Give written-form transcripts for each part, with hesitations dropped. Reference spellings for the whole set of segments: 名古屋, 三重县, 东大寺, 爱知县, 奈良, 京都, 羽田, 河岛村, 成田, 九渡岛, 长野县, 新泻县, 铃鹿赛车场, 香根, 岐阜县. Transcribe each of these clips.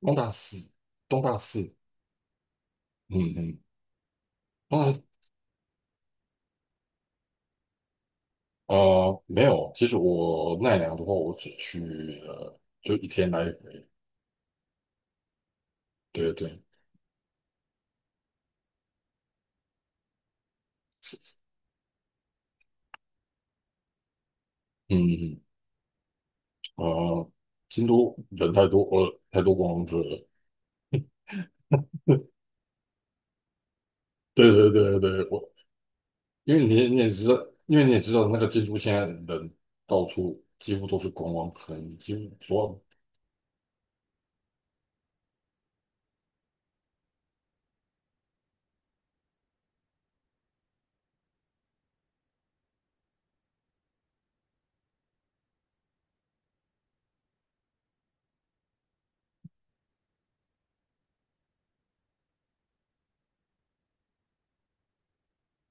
东大寺，东大寺。嗯嗯。东大，没有，其实我奈良的话，我只去了就一天来回。对对。嗯，嗯，呃，京都人太多，太多观光客了。对对对对。因为你也知道，因为你也知道那个京都现在人到处几乎都是观光客，你几乎说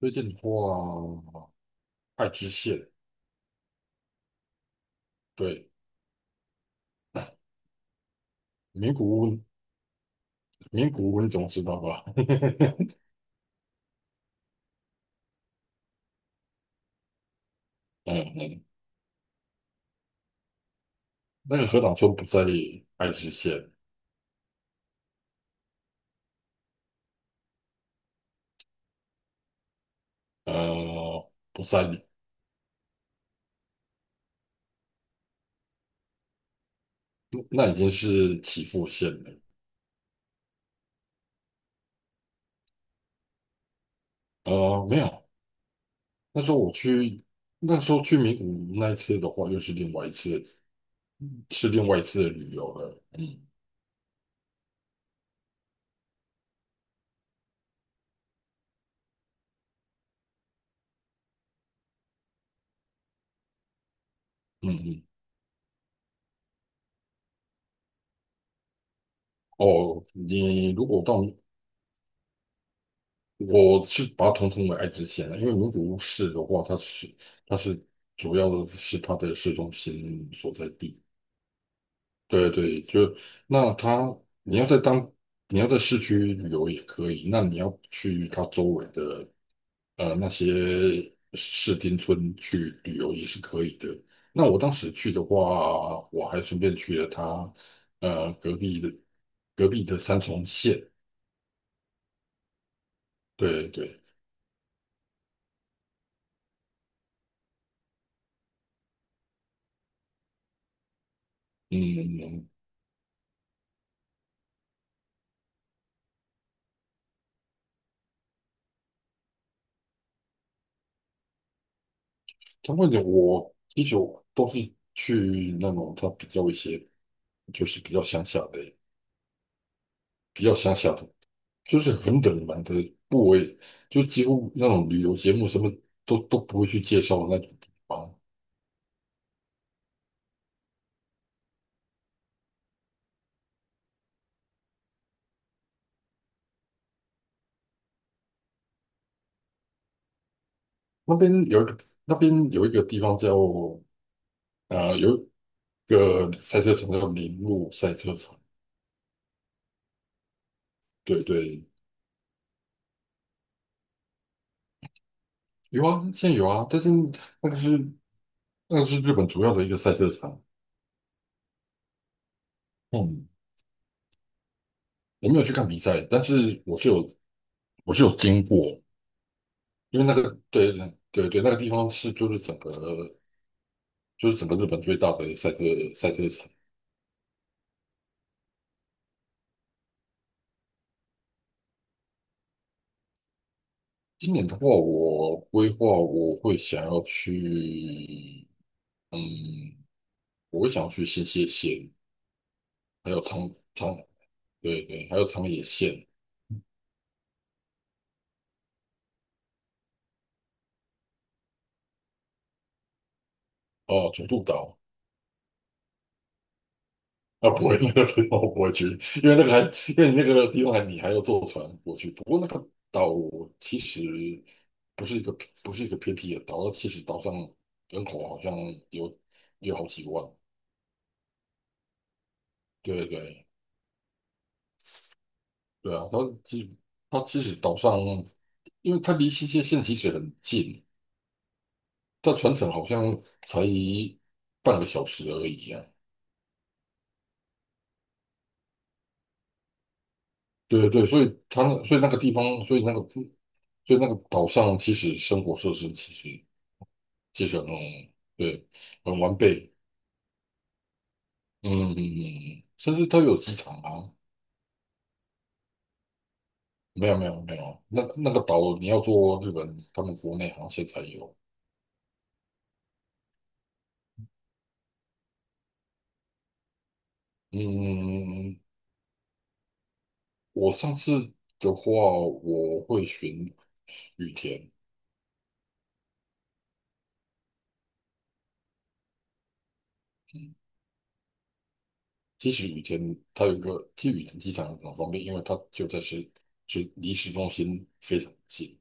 推荐的话，爱知县。对。名古屋。名古屋你总知道吧？嗯那个河岛村不在爱知县。不在，那已经是岐阜县了。没有。那时候我去，那时候去名古屋那一次的话，又是另外一次，是另外一次的旅游了。嗯嗯嗯，哦，你如果到，我是把它统称为爱知县了，因为名古屋市的话，它是主要的是它的市中心所在地。对对。就那它，你要在当你要在市区旅游也可以，那你要去它周围的那些市町村去旅游也是可以的。那我当时去的话，我还顺便去了它呃隔壁的隔壁的三重县。对对。嗯。相关点我其实都是去那种它比较一些就是比较乡下的。就是很冷门的部位，就几乎那种旅游节目什么都不会去介绍那种地方。那边有一个那边有一个地方有一个赛车场叫铃鹿赛车场。对对。有啊，现在有啊，但是那个是那个是日本主要的一个赛车场。嗯，我没有去看比赛，但是我是有经过。因为那个对对对。那个地方是就是整个日本最大的赛车场。今年的话，我规划嗯，我会想要去新泻县，还有长长，对对，还有长野县。哦，九渡岛。啊，不会，那个地方我不会去，因为那个还，因为你那个地方还你还要坐船过去。不过那个岛其实不是一个不是一个偏僻的岛，其实岛上人口好像有有好几万。对对。对啊，其它其实岛上，因为它离新泻县其实很近，它船程好像才半个小时而已啊。对对对，所以它那所以那个地方，所以那个所以那个岛上其实生活设施其实就是那种对很完备。嗯，甚至它有机场啊。没有没有没有，那个岛你要坐日本他们国内航线才有。嗯。我上次的话，我会选羽田。嗯其实羽田它有一个，其实羽田机场很方便，因为它就在市，是离市中心非常近。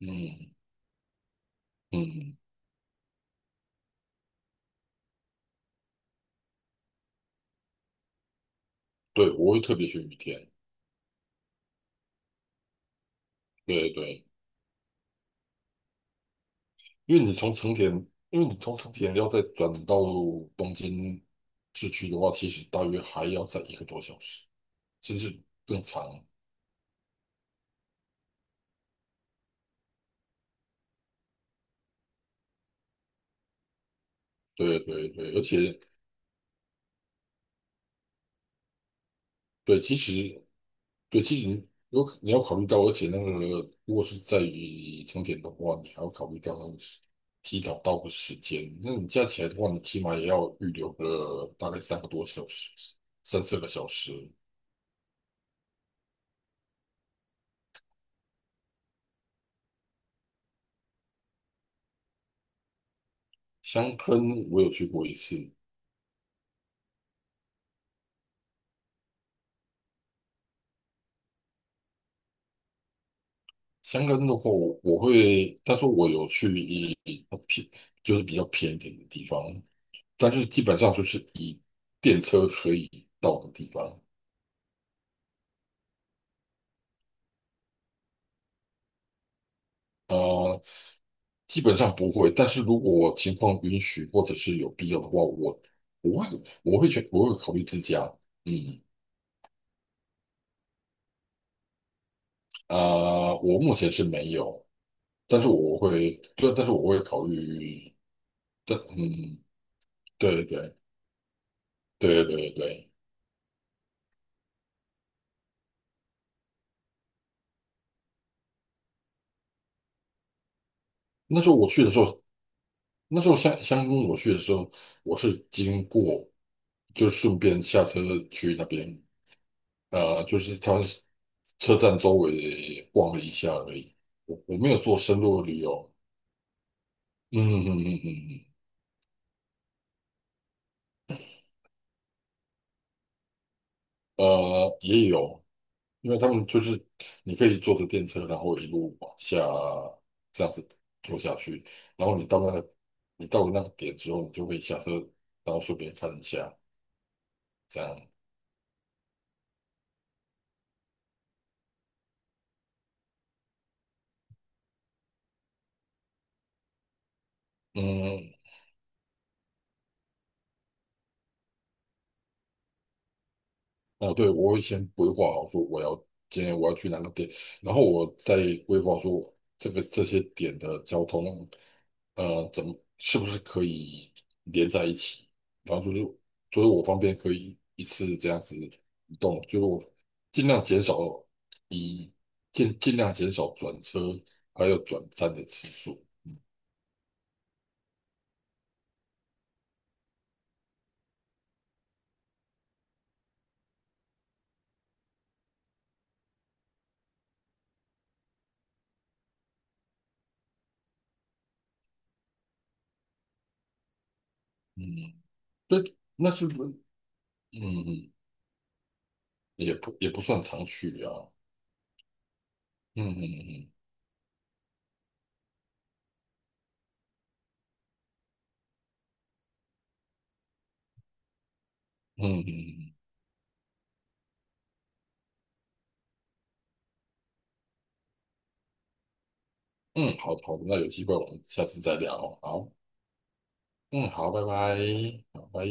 嗯嗯，对，我会特别选羽田。对对。因为你从成田，因为你从成田要再转到东京市区的话，其实大约还要再一个多小时，甚至更长。对对对，而且对，其实对，其实你有可你要考虑到，而且那个如果是在于成田的话，你还要考虑到那个时提早到的时间。那你加起来的话，你起码也要预留个大概三个多小时，三四个小时。香根我有去过一次。香根的话我会，但是我有去偏就是比较偏一点的地方，但是基本上就是以电车可以到的地方。呃基本上不会，但是如果我情况允许或者是有必要的话，我会考虑自驾。嗯。啊、我目前是没有，但是我会。对，但是我会考虑。但嗯，对对对对对，那时候我去的时候，那时候香港我去的时候，我是经过，就顺便下车去那边，就是他车站周围逛了一下而已。我没有做深入的旅游。嗯嗯嗯嗯嗯，嗯也有，因为他们就是你可以坐着电车，然后一路往下这样子坐下去，然后你到了那个点之后，你就可以下车，然后顺便看一下这样。嗯，哦，对，我会先规划好说今天我要去哪个点，然后我再规划说这些点的交通。是不是可以连在一起？然后就是我方便可以一次这样子移动，就是我尽量减少以尽量减少转车还有转站的次数。嗯，对。那是不是嗯也不算常去啊。嗯嗯嗯嗯嗯嗯，好好的，那有机会我们下次再聊。好。嗯，好，拜拜。好，拜。